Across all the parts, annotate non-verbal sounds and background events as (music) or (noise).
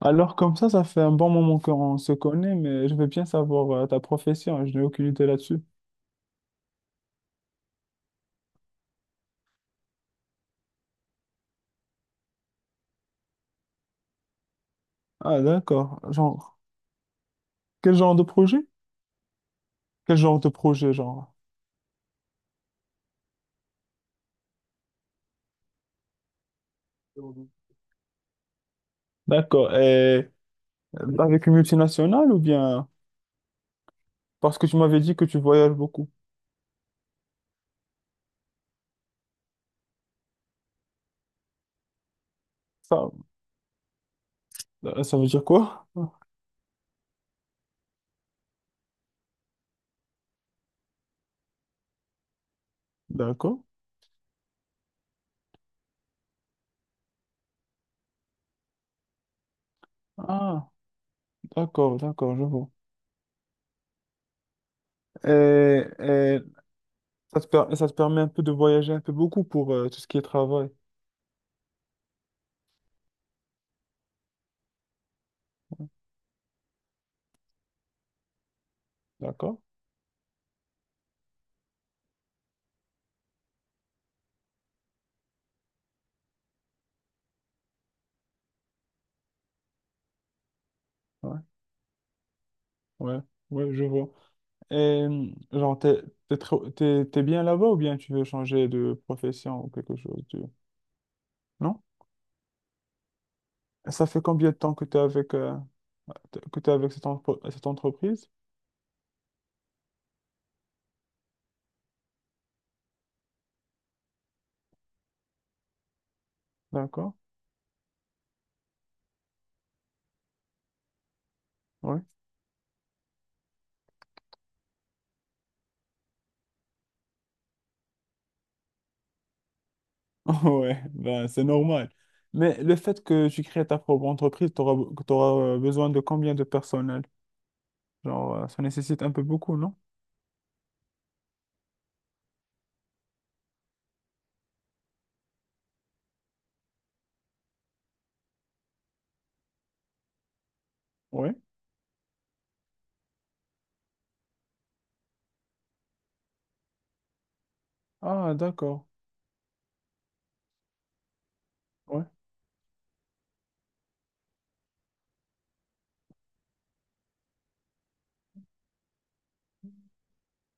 Alors comme ça fait un bon moment qu'on se connaît, mais je veux bien savoir ta profession, je n'ai aucune idée là-dessus. Ah d'accord, genre, quel genre de projet? Quel genre de projet, genre? D'accord, et avec une multinationale ou bien... Parce que tu m'avais dit que tu voyages beaucoup. Ça, ça veut dire quoi? D'accord. Ah, d'accord, d'accord, je vois. Et ça te permet un peu de voyager un peu beaucoup pour tout ce qui est travail. D'accord. Ouais, ouais, ouais, je vois. Et genre, t'es bien là-bas ou bien tu veux changer de profession ou quelque chose du... Non? Ça fait combien de temps que t'es avec cette entreprise? D'accord. Ouais. (laughs) Ouais, ben, c'est normal. Mais le fait que tu crées ta propre entreprise, t'auras besoin de combien de personnel? Genre, ça nécessite un peu beaucoup, non? Ouais. Ah, d'accord. Ouais.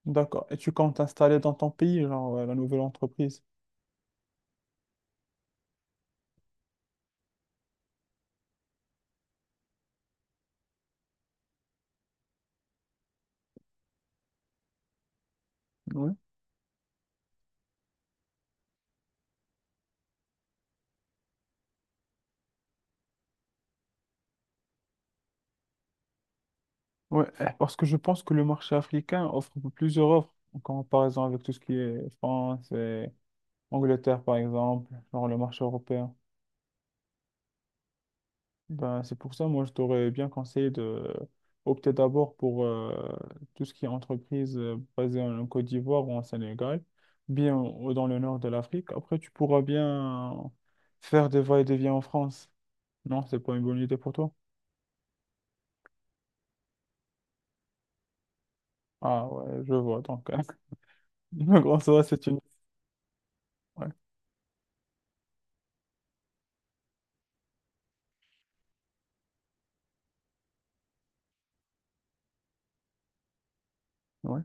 D'accord. Et tu comptes t'installer dans ton pays, genre, la nouvelle entreprise? Ouais. Ouais, eh, parce que je pense que le marché africain offre plusieurs offres en comparaison avec tout ce qui est France et Angleterre, par exemple, genre le marché européen. Ben, c'est pour ça, moi, je t'aurais bien conseillé de opter d'abord pour tout ce qui est entreprise basée en Côte d'Ivoire ou en Sénégal, dans le nord de l'Afrique. Après, tu pourras bien faire des va-et-vient en France. Non, c'est pas une bonne idée pour toi. Ah ouais, je vois. Donc, (laughs) donc en soi, c'est une. Ouais. Ouais,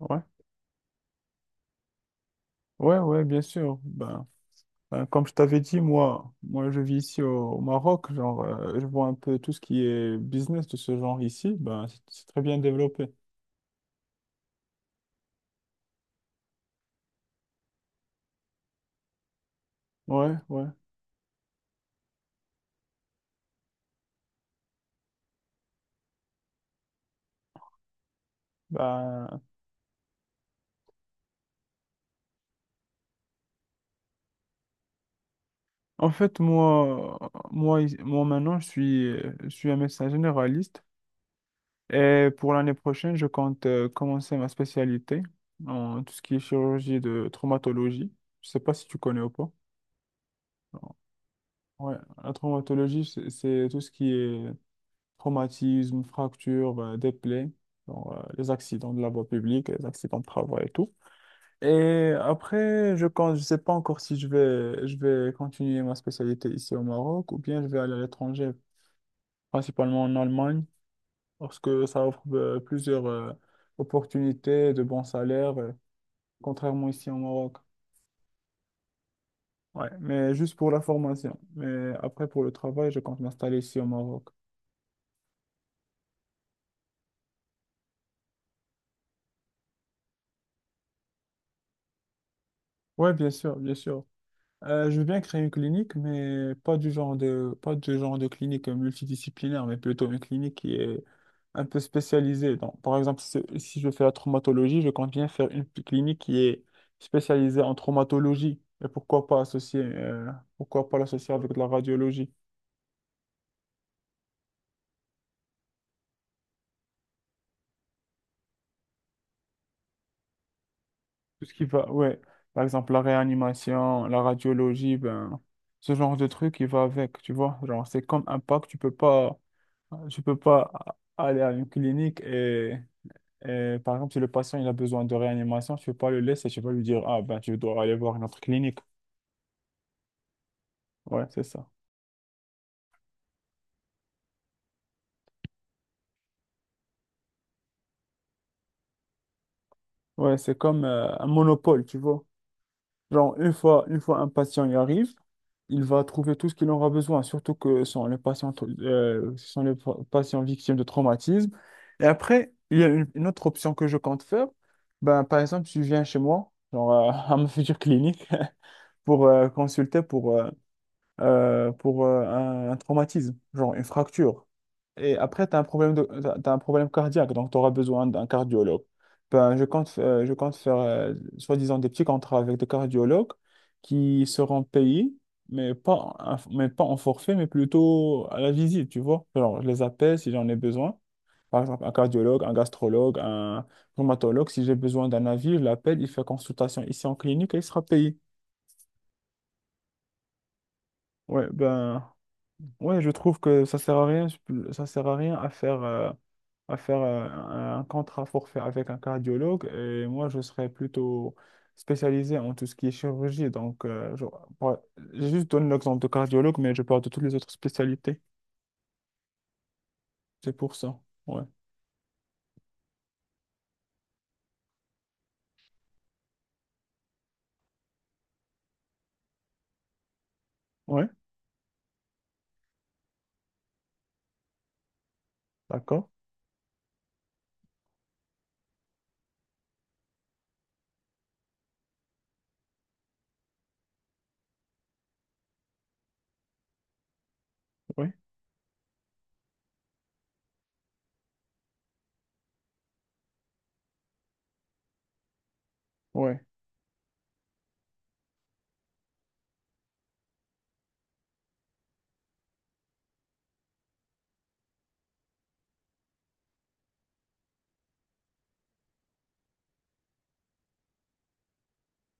ouais, ouais, ouais, bien sûr. Ben, comme je t'avais dit, moi, moi, je vis ici au, au Maroc. Genre, je vois un peu tout ce qui est business de ce genre ici. Ben, c'est très bien développé. Ouais, ouais. Ben, en fait, moi, moi maintenant, je suis un médecin généraliste. Et pour l'année prochaine, je compte commencer ma spécialité en tout ce qui est chirurgie de traumatologie. Je sais pas si tu connais ou pas. Ouais, la traumatologie, c'est tout ce qui est traumatismes, fractures, des plaies, genre, les accidents de la voie publique, les accidents de travail et tout. Et après, je ne je sais pas encore si je vais continuer ma spécialité ici au Maroc ou bien je vais aller à l'étranger, principalement en Allemagne, parce que ça offre plusieurs opportunités de bons salaires, contrairement ici au Maroc. Ouais, mais juste pour la formation. Mais après, pour le travail, je compte m'installer ici au Maroc. Ouais, bien sûr, bien sûr. Je veux bien créer une clinique, mais pas du genre de, pas du genre de clinique multidisciplinaire, mais plutôt une clinique qui est un peu spécialisée. Donc, par exemple, si je fais la traumatologie, je compte bien faire une clinique qui est spécialisée en traumatologie. Et pourquoi pas associer, pourquoi pas l'associer avec de la radiologie? Tout ce qui va, ouais, par exemple, la réanimation, la radiologie, ben, ce genre de truc, il va avec, tu vois. Genre, c'est comme un pack, tu peux pas aller à une clinique et par exemple, si le patient il a besoin de réanimation, tu ne peux pas le laisser, tu vas lui dire, ah ben tu dois aller voir une autre clinique. Ouais, c'est ça. Ouais, c'est comme un monopole, tu vois. Genre, une fois un patient y arrive, il va trouver tout ce qu'il aura besoin, surtout que ce sont les ce sont les patients victimes de traumatisme. Et après, il y a une autre option que je compte faire. Ben, par exemple, tu viens chez moi, genre (laughs) à ma future clinique, (laughs) pour consulter pour un traumatisme, genre une fracture. Et après, tu as un problème de, t'as un problème cardiaque, donc tu auras besoin d'un cardiologue. Ben, je compte faire, soi-disant, des petits contrats avec des cardiologues qui seront payés, mais pas, un- mais pas en forfait, mais plutôt à la visite, tu vois. Alors, je les appelle si j'en ai besoin. Par exemple, un cardiologue, un gastrologue, un rhumatologue, si j'ai besoin d'un avis, je l'appelle, il fait consultation ici en clinique et il sera payé. Ouais, ben, ouais, je trouve que ça sert à rien, ça sert à rien à faire, à faire euh, un contrat forfait avec un cardiologue. Et moi, je serais plutôt spécialisé en tout ce qui est chirurgie. Donc, genre, j'ai juste donné l'exemple de cardiologue, mais je parle de toutes les autres spécialités. C'est pour ça. Ouais. Ouais. D'accord. Oui. Ouais.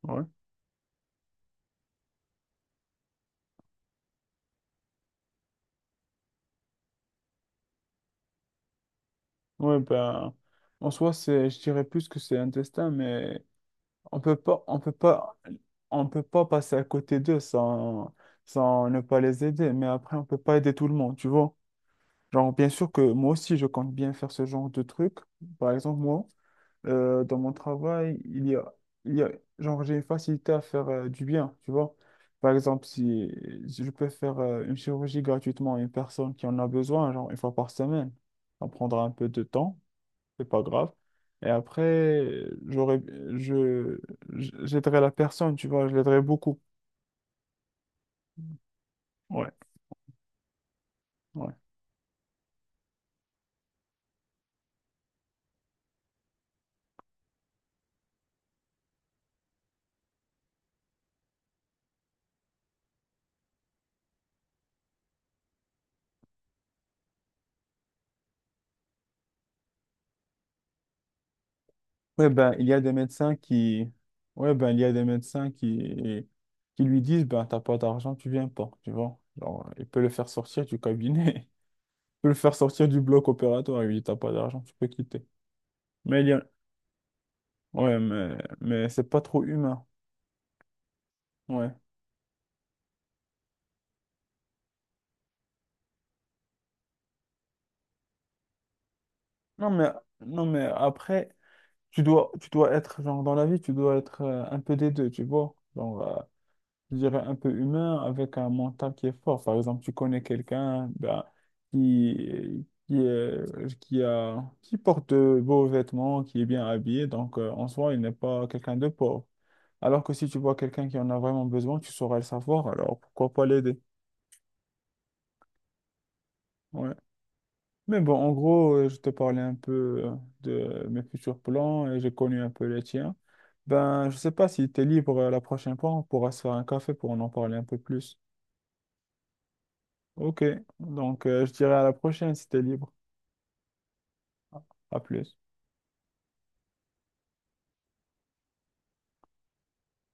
Ouais. Ouais, ben, en soi, c'est, je dirais plus que c'est un destin, mais on peut pas, on peut pas, on peut pas passer à côté d'eux sans, sans ne pas les aider. Mais après, on peut pas aider tout le monde, tu vois. Genre, bien sûr que moi aussi, je compte bien faire ce genre de truc. Par exemple, moi, dans mon travail, il y a, genre, j'ai une facilité à faire du bien, tu vois. Par exemple, si je peux faire une chirurgie gratuitement à une personne qui en a besoin, genre une fois par semaine, ça prendra un peu de temps, c'est pas grave. Et après, j'aurais, je, j'aiderais la personne, tu vois, je l'aiderais beaucoup. Ouais, ouais. Ouais, ben, il y a des médecins qui, ouais, ben, il y a des médecins qui lui disent, ben, t'as pas d'argent, tu viens pas, tu vois. Genre, il peut le faire sortir du cabinet, (laughs) il peut le faire sortir du bloc opératoire, il lui dit, t'as pas d'argent, tu peux quitter. Mais il y a, ouais, mais c'est pas trop humain. Ouais. Non, mais, non, mais après, tu dois être, genre, dans la vie, tu dois être un peu des deux, tu vois. Genre, je dirais un peu humain avec un mental qui est fort. Par exemple, tu connais quelqu'un ben, qui porte de beaux vêtements, qui est bien habillé, donc en soi, il n'est pas quelqu'un de pauvre. Alors que si tu vois quelqu'un qui en a vraiment besoin, tu sauras le savoir, alors pourquoi pas l'aider? Ouais. Mais bon, en gros, je te parlais un peu de mes futurs plans et j'ai connu un peu les tiens. Ben, je sais pas si tu es libre la prochaine fois, on pourra se faire un café pour en parler un peu plus. Ok, donc je dirais à la prochaine si tu es libre. À plus.